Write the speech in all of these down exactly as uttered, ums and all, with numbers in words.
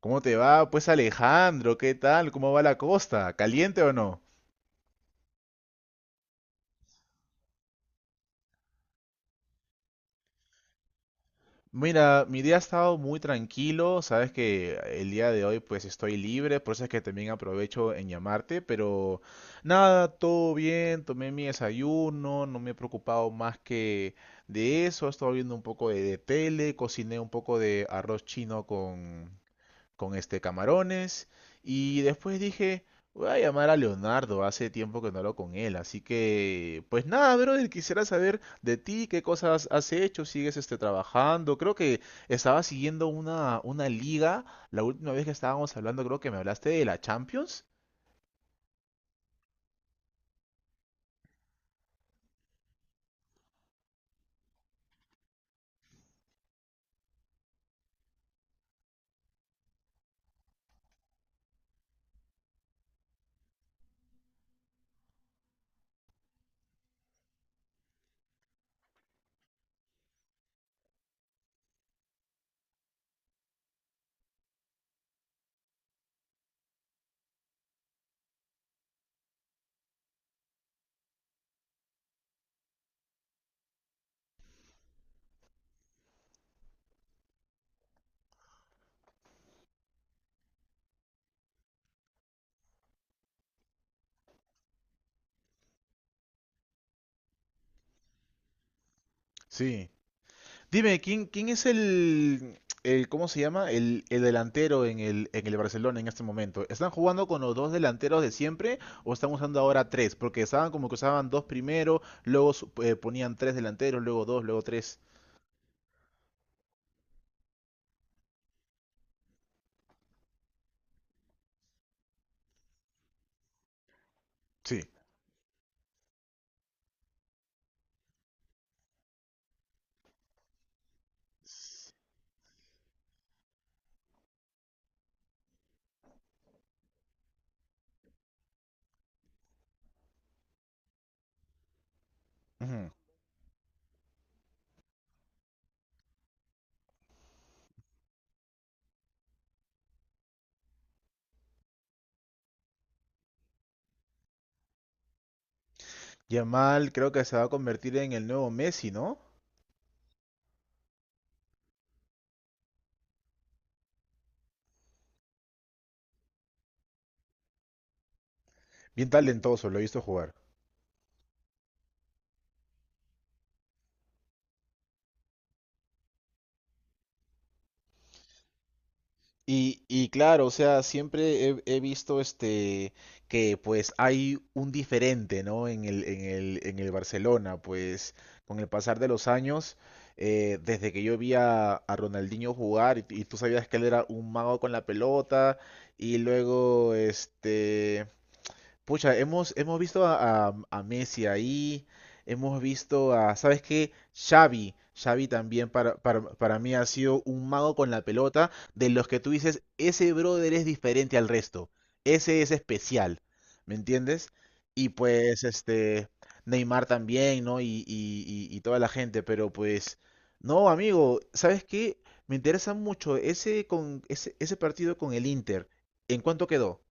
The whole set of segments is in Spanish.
¿Cómo te va? Pues Alejandro, ¿qué tal? ¿Cómo va la costa? ¿Caliente o no? Mira, mi día ha estado muy tranquilo, sabes que el día de hoy pues estoy libre, por eso es que también aprovecho en llamarte, pero nada, todo bien, tomé mi desayuno, no me he preocupado más que de eso, he estado viendo un poco de, de tele, cociné un poco de arroz chino con, con este camarones. Y después dije, voy a llamar a Leonardo, hace tiempo que no hablo con él. Así que, pues nada, brother, quisiera saber de ti, qué cosas has hecho, sigues este trabajando. Creo que estaba siguiendo una, una liga. La última vez que estábamos hablando, creo que me hablaste de la Champions. Sí. Dime, ¿quién, ¿quién es el, el, ¿cómo se llama? El, el delantero en el, en el Barcelona en este momento. ¿Están jugando con los dos delanteros de siempre o están usando ahora tres? Porque estaban como que usaban dos primero, luego su- eh, ponían tres delanteros, luego dos, luego tres. Sí. Ujú. Yamal creo que se va a convertir en el nuevo Messi, ¿no? Bien talentoso, lo he visto jugar. Y, y claro, o sea, siempre he, he visto este que pues hay un diferente, ¿no? En el, en el, en el Barcelona, pues con el pasar de los años, eh, desde que yo vi a, a Ronaldinho jugar y, y tú sabías que él era un mago con la pelota y luego este Pucha, hemos, hemos visto a, a- a Messi ahí, hemos visto a, ¿sabes qué? Xavi, Xavi también para, para, para mí ha sido un mago con la pelota, de los que tú dices, ese brother es diferente al resto, ese es especial, ¿me entiendes? Y pues este, Neymar también, ¿no? Y, y, y, y toda la gente, pero pues, no, amigo, ¿sabes qué? Me interesa mucho ese, con, ese, ese partido con el Inter, ¿en cuánto quedó?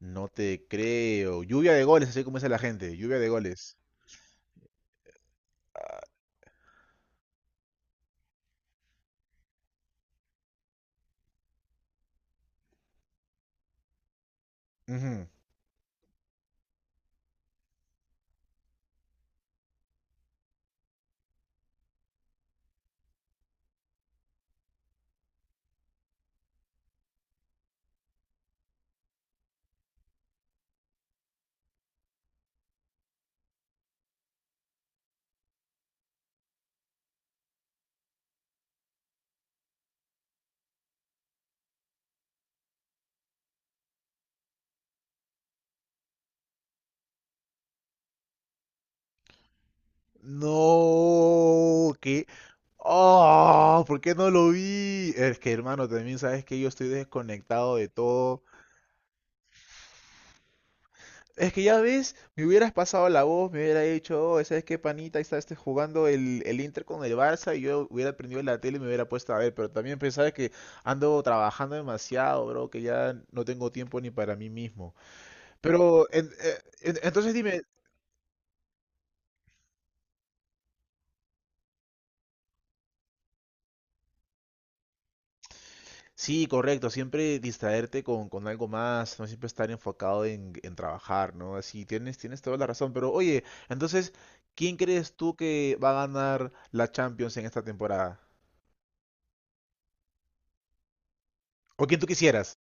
No te creo. Lluvia de goles, así como dice la gente. Lluvia de goles. Ah, ujú. No, que... Oh, ¿por qué no lo vi? Es que, hermano, también sabes que yo estoy desconectado de todo. Es que ya ves, me hubieras pasado la voz, me hubiera dicho, oh, ¿sabes qué, panita? Ahí está este jugando el, el Inter con el Barça y yo hubiera prendido la tele y me hubiera puesto a ver. Pero también pensaba que ando trabajando demasiado, bro, que ya no tengo tiempo ni para mí mismo. Pero, en- eh, en- entonces dime, sí, correcto, siempre distraerte con, con algo más, no siempre estar enfocado en, en trabajar, ¿no? Así tienes, tienes toda la razón, pero oye, entonces, ¿quién crees tú que va a ganar la Champions en esta temporada? ¿O quién tú quisieras?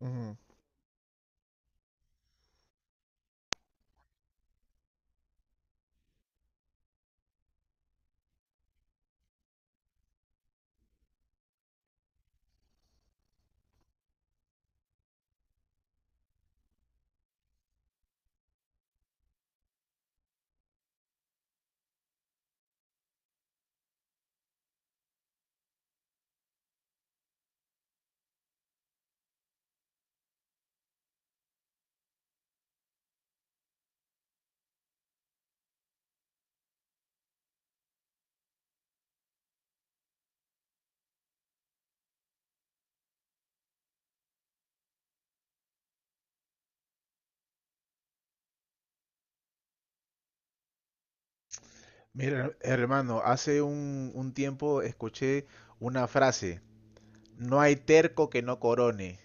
Ujú. Mira, hermano, hace un, un tiempo escuché una frase, no hay terco que no corone.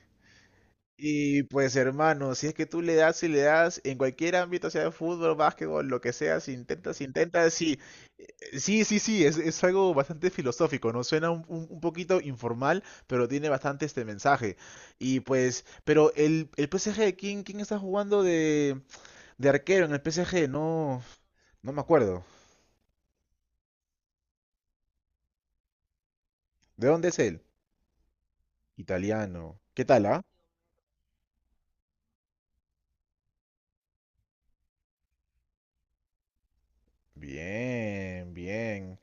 Y pues hermano, si es que tú le das y le das en cualquier ámbito, sea de fútbol, básquetbol, lo que sea, si intentas, si intentas, sí, eh, sí, sí, sí, es, es algo bastante filosófico, ¿no? Suena un, un- un poquito informal, pero tiene bastante este mensaje. Y pues, pero el, el P S G, ¿quién, ¿quién está jugando de, de arquero en el P S G? No, no me acuerdo. ¿De dónde es él? Italiano. ¿Qué tal, ah? Bien, bien.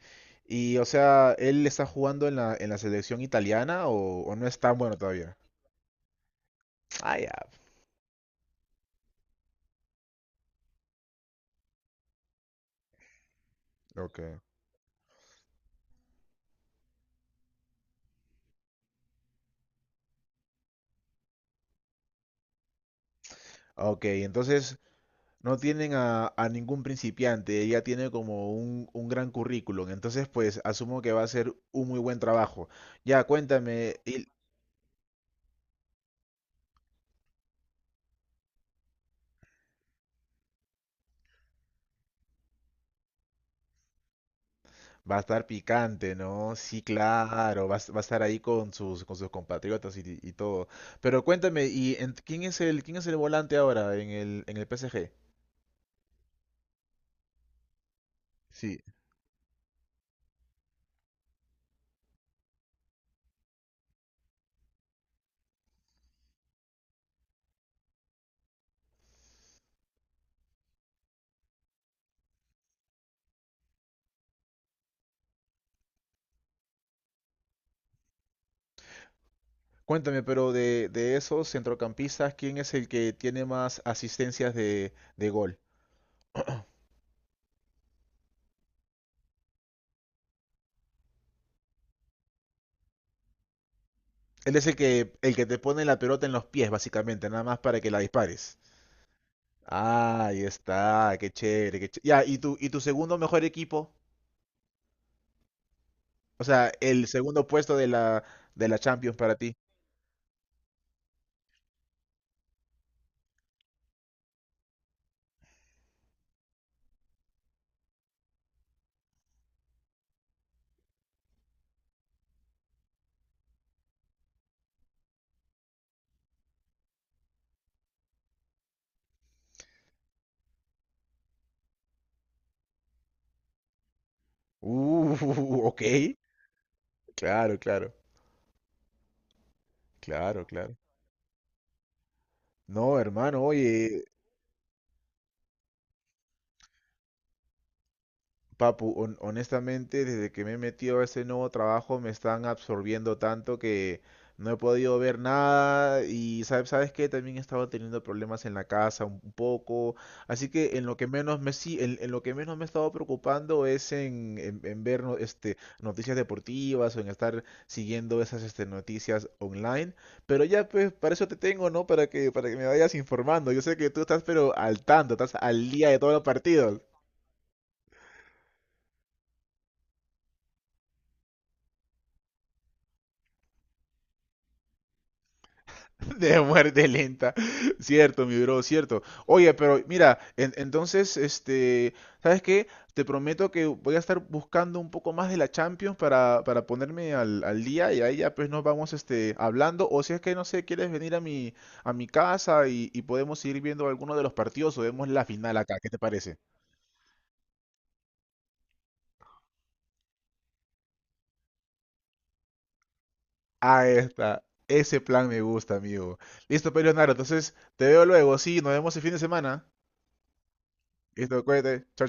Y o sea, ¿él está jugando en la, en la selección italiana o, o no es tan bueno todavía? Ah, ya. Ok. Ok, entonces no tienen a, a ningún principiante, ella tiene como un, un gran currículum, entonces pues asumo que va a ser un muy buen trabajo. Ya, cuéntame, y va a estar picante, ¿no? Sí, claro, va, a s- va a estar ahí con sus, con sus compatriotas y, y todo. Pero cuéntame, ¿y en- ¿quién es el, quién es el volante ahora en el, en el P S G? Sí. Cuéntame, pero de, de esos centrocampistas, ¿quién es el que tiene más asistencias de, de gol? Él es el que, el que te pone la pelota en los pies, básicamente, nada más para que la dispares. Ah, ahí está, qué chévere, qué chévere. Ya, ¿y tu, ¿y tu segundo mejor equipo? O sea, el segundo puesto de la, de la Champions para ti. Uh, ok. Claro, claro, claro, claro. No, hermano, oye, Papu, hon- honestamente, desde que me he metido a ese nuevo trabajo me están absorbiendo tanto que no he podido ver nada y sabes, sabes que también he estado teniendo problemas en la casa un un poco, así que en lo que menos me sí, en, en lo que menos me he estado preocupando es en, en- en ver no- este, noticias deportivas o en estar siguiendo esas este, noticias online, pero ya pues para eso te tengo, ¿no? Para que para que me vayas informando. Yo sé que tú estás pero al tanto, estás al día de todos los partidos. De muerte lenta. Cierto, mi bro, cierto. Oye, pero mira, en- entonces, este, ¿sabes qué? Te prometo que voy a estar buscando un poco más de la Champions para, para ponerme al, al día y ahí ya pues nos vamos este, hablando. O si es que, no sé, quieres venir a mi, a mi casa y, y podemos ir viendo alguno de los partidos o vemos la final acá. ¿Qué te parece? Ahí está. Ese plan me gusta, amigo. Listo, pues, Leonardo. Entonces, te veo luego. Sí, nos vemos el fin de semana. Listo, cuídate. Chao, chao.